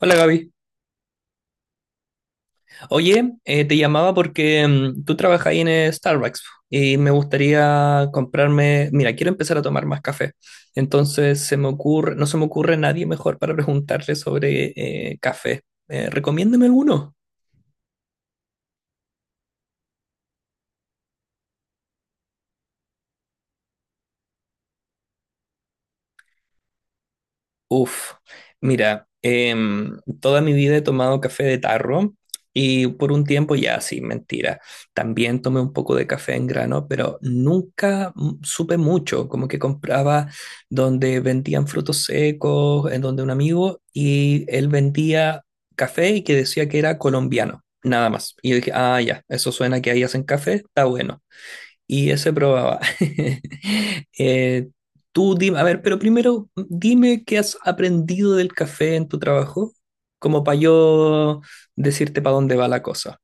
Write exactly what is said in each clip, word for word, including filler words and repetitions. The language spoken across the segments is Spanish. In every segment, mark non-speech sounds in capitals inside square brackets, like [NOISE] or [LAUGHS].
Hola, Gaby. Oye, eh, te llamaba porque mm, tú trabajas ahí en eh, Starbucks y me gustaría comprarme, mira, quiero empezar a tomar más café. Entonces se me ocurre, no se me ocurre nadie mejor para preguntarle sobre eh, café. Eh, recomiéndame alguno. Uf, mira, em, toda mi vida he tomado café de tarro y por un tiempo ya, sí, mentira. También tomé un poco de café en grano, pero nunca mm, supe mucho, como que compraba donde vendían frutos secos, en donde un amigo, y él vendía café y que decía que era colombiano, nada más. Y yo dije, ah, ya, eso suena que ahí hacen café, está bueno. Y eso probaba. [LAUGHS] Eh, tú dime, a ver, pero primero dime qué has aprendido del café en tu trabajo, como para yo decirte para dónde va la cosa.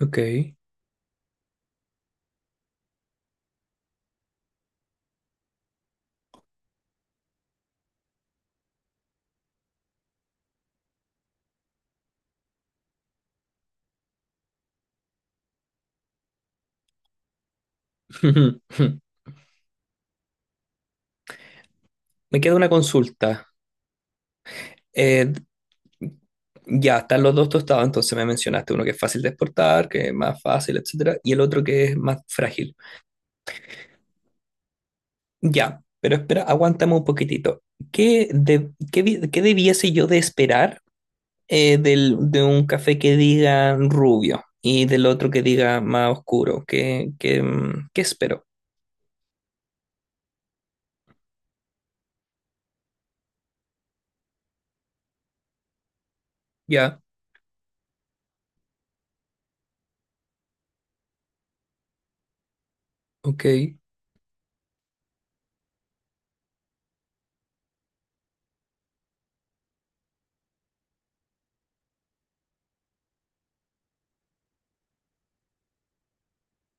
Ok. [LAUGHS] Me queda una consulta. Eh, ya, están los dos tostados, entonces me mencionaste uno que es fácil de exportar, que es más fácil, etcétera, y el otro que es más frágil. Ya, pero espera, aguántame un poquitito. ¿Qué, de- qué vi- Qué debiese yo de esperar eh, del, de un café que diga rubio y del otro que diga más oscuro? ¿Qué, qué, mm, Qué espero? Ya, ok.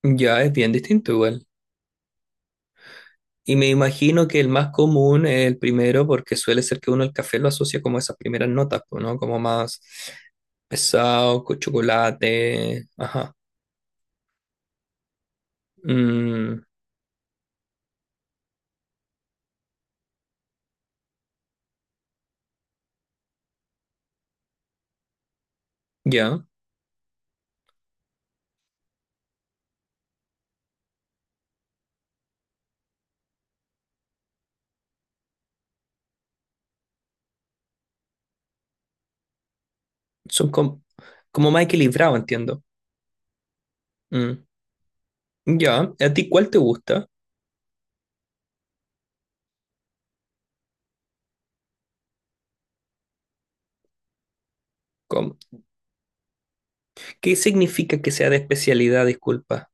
Ya es bien distinto igual. Y me imagino que el más común es el primero porque suele ser que uno el café lo asocia como a esas primeras notas, pues, ¿no? Como más pesado, con chocolate. Ajá. Mm, ya. Son com- Como más equilibrado, entiendo. Mm, ya. ¿A ti cuál te gusta? ¿Qué significa que sea de especialidad? Disculpa.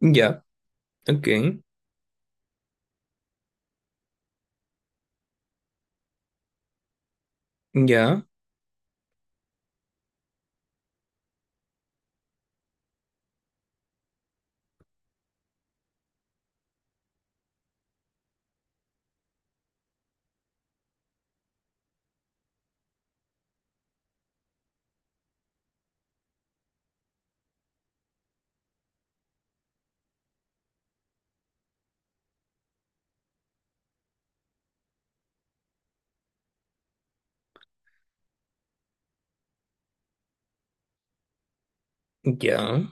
Ya, ok. Ya, ya.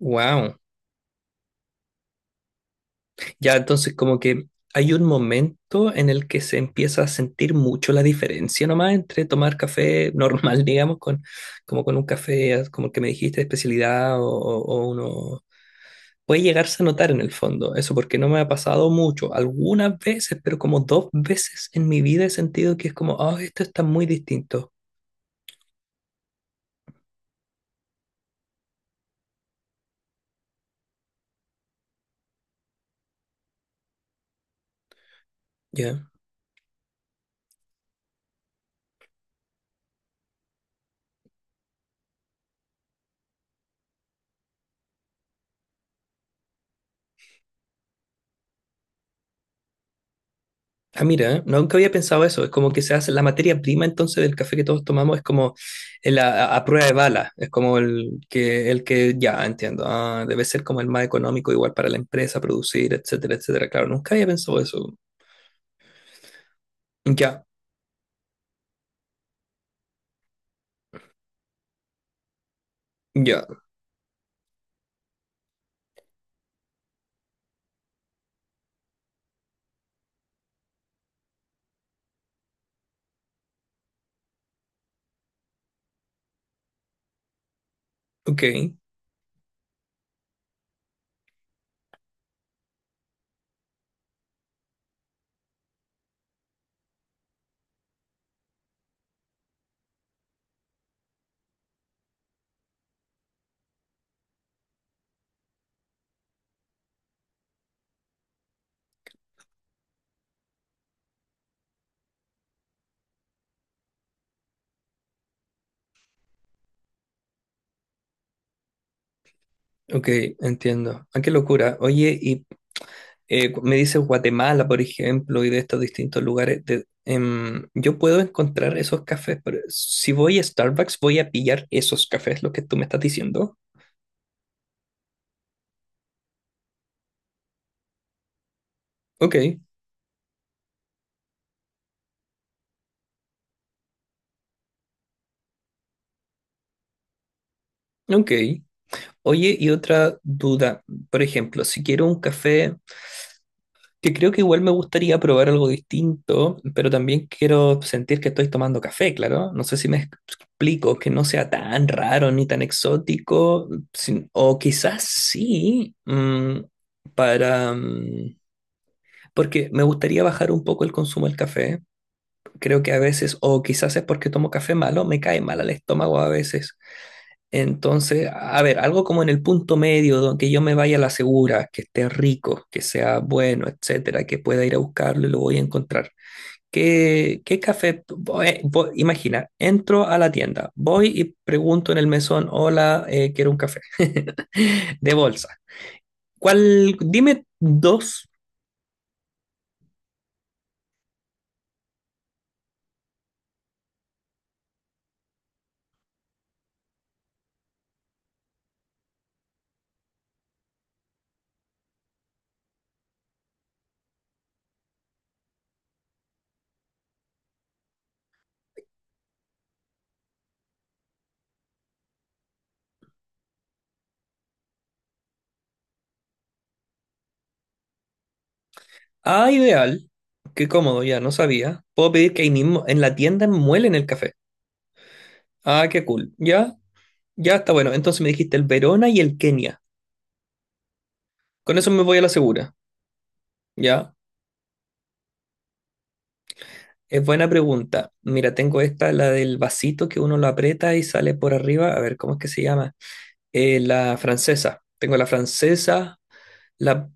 Wow. Ya, entonces como que hay un momento en el que se empieza a sentir mucho la diferencia nomás entre tomar café normal, [LAUGHS] digamos, con, como con un café, as- como el que me dijiste, de especialidad o, o o uno... Puede llegarse a notar en el fondo, eso porque no me ha pasado mucho, algunas veces, pero como dos veces en mi vida he sentido que es como, ah, esto está muy distinto. Ya. Ah, mira, nunca había pensado eso. Es como que se hace la materia prima entonces del café que todos tomamos, es como el a, a prueba de bala. Es como el que, el que ya entiendo. Ah, debe ser como el más económico, igual para la empresa, producir, etcétera, etcétera. Claro, nunca había pensado eso. Ya, ya, ok, ok, entiendo. Ah, qué locura. Oye, y eh, cu- me dices Guatemala, por ejemplo, y de estos distintos lugares. De- em, yo puedo encontrar esos cafés, pero si voy a Starbucks, voy a pillar esos cafés, lo que tú me estás diciendo. Ok, ok. Oye, y otra duda. Por ejemplo, si quiero un café, que creo que igual me gustaría probar algo distinto, pero también quiero sentir que estoy tomando café, claro. No sé si me explico, que no sea tan raro ni tan exótico, sin- o quizás sí, mm, para... mm, porque me gustaría bajar un poco el consumo del café. Creo que a veces, o quizás es porque tomo café malo, me cae mal al estómago a veces. Entonces, a ver, algo como en el punto medio, donde yo me vaya a la segura, que esté rico, que sea bueno, etcétera, que pueda ir a buscarlo y lo voy a encontrar. ¿Qué, qué café? Voy- voy- imagina, entro a la tienda, voy y pregunto en el mesón, hola, eh, quiero un café [LAUGHS] de bolsa. ¿Cuál? Dime dos. Ah, ideal. Qué cómodo, ya no sabía. Puedo pedir que ahí mismo en la tienda muelen el café. Ah, qué cool. Ya, ya está bueno. Entonces me dijiste el Verona y el Kenia. Con eso me voy a la segura, ¿ya? Es buena pregunta. Mira, tengo esta, la del vasito que uno lo aprieta y sale por arriba. A ver, ¿cómo es que se llama? Eh, la francesa. Tengo la francesa, la...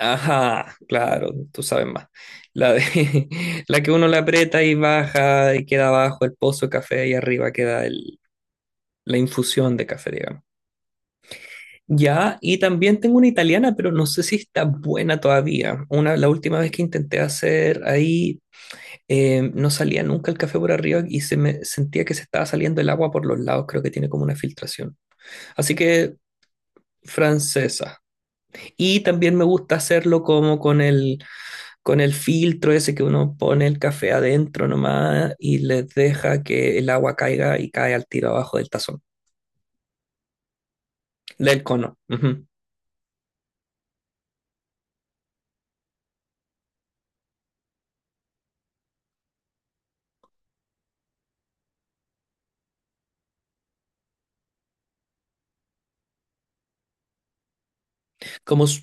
Ajá, claro, tú sabes más. La de... [LAUGHS] la que uno le aprieta y baja y queda abajo el pozo de café y arriba queda el- la infusión de café, digamos. Ya, y también tengo una italiana, pero no sé si está buena todavía. Una, la última vez que intenté hacer ahí... eh, no salía nunca el café por arriba y se me sentía que se estaba saliendo el agua por los lados, creo que tiene como una filtración. Así que francesa. Y también me gusta hacerlo como con el, con el filtro ese que uno pone el café adentro nomás y les deja que el agua caiga y cae al tiro abajo del tazón, del cono. Ujú. Como... s-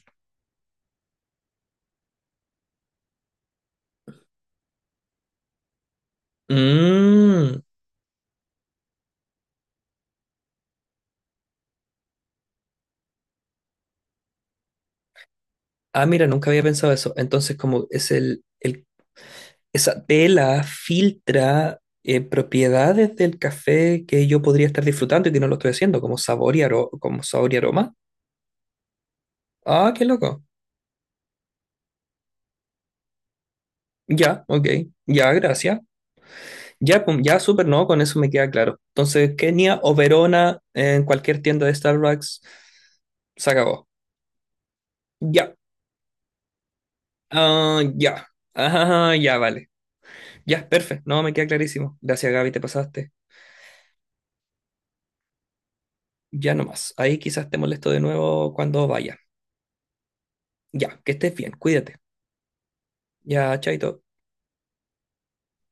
Mm. Ah, mira, nunca había pensado eso. Entonces, como es el, el esa vela filtra eh, propiedades del café que yo podría estar disfrutando y que no lo estoy haciendo, como sabor y, aro- como sabor y aroma. Ah, qué loco. Ya, ok. Ya, gracias. Ya, pum, ya, súper, no, con eso me queda claro. Entonces, Kenia o Verona en cualquier tienda de Starbucks, se acabó. Ya, ah, ya. Ajá, ya, vale. Ya, perfecto. No, me queda clarísimo. Gracias, Gaby, te pasaste. Ya nomás. Ahí quizás te molesto de nuevo cuando vaya. Ya, que estés bien, cuídate. Ya, chaito.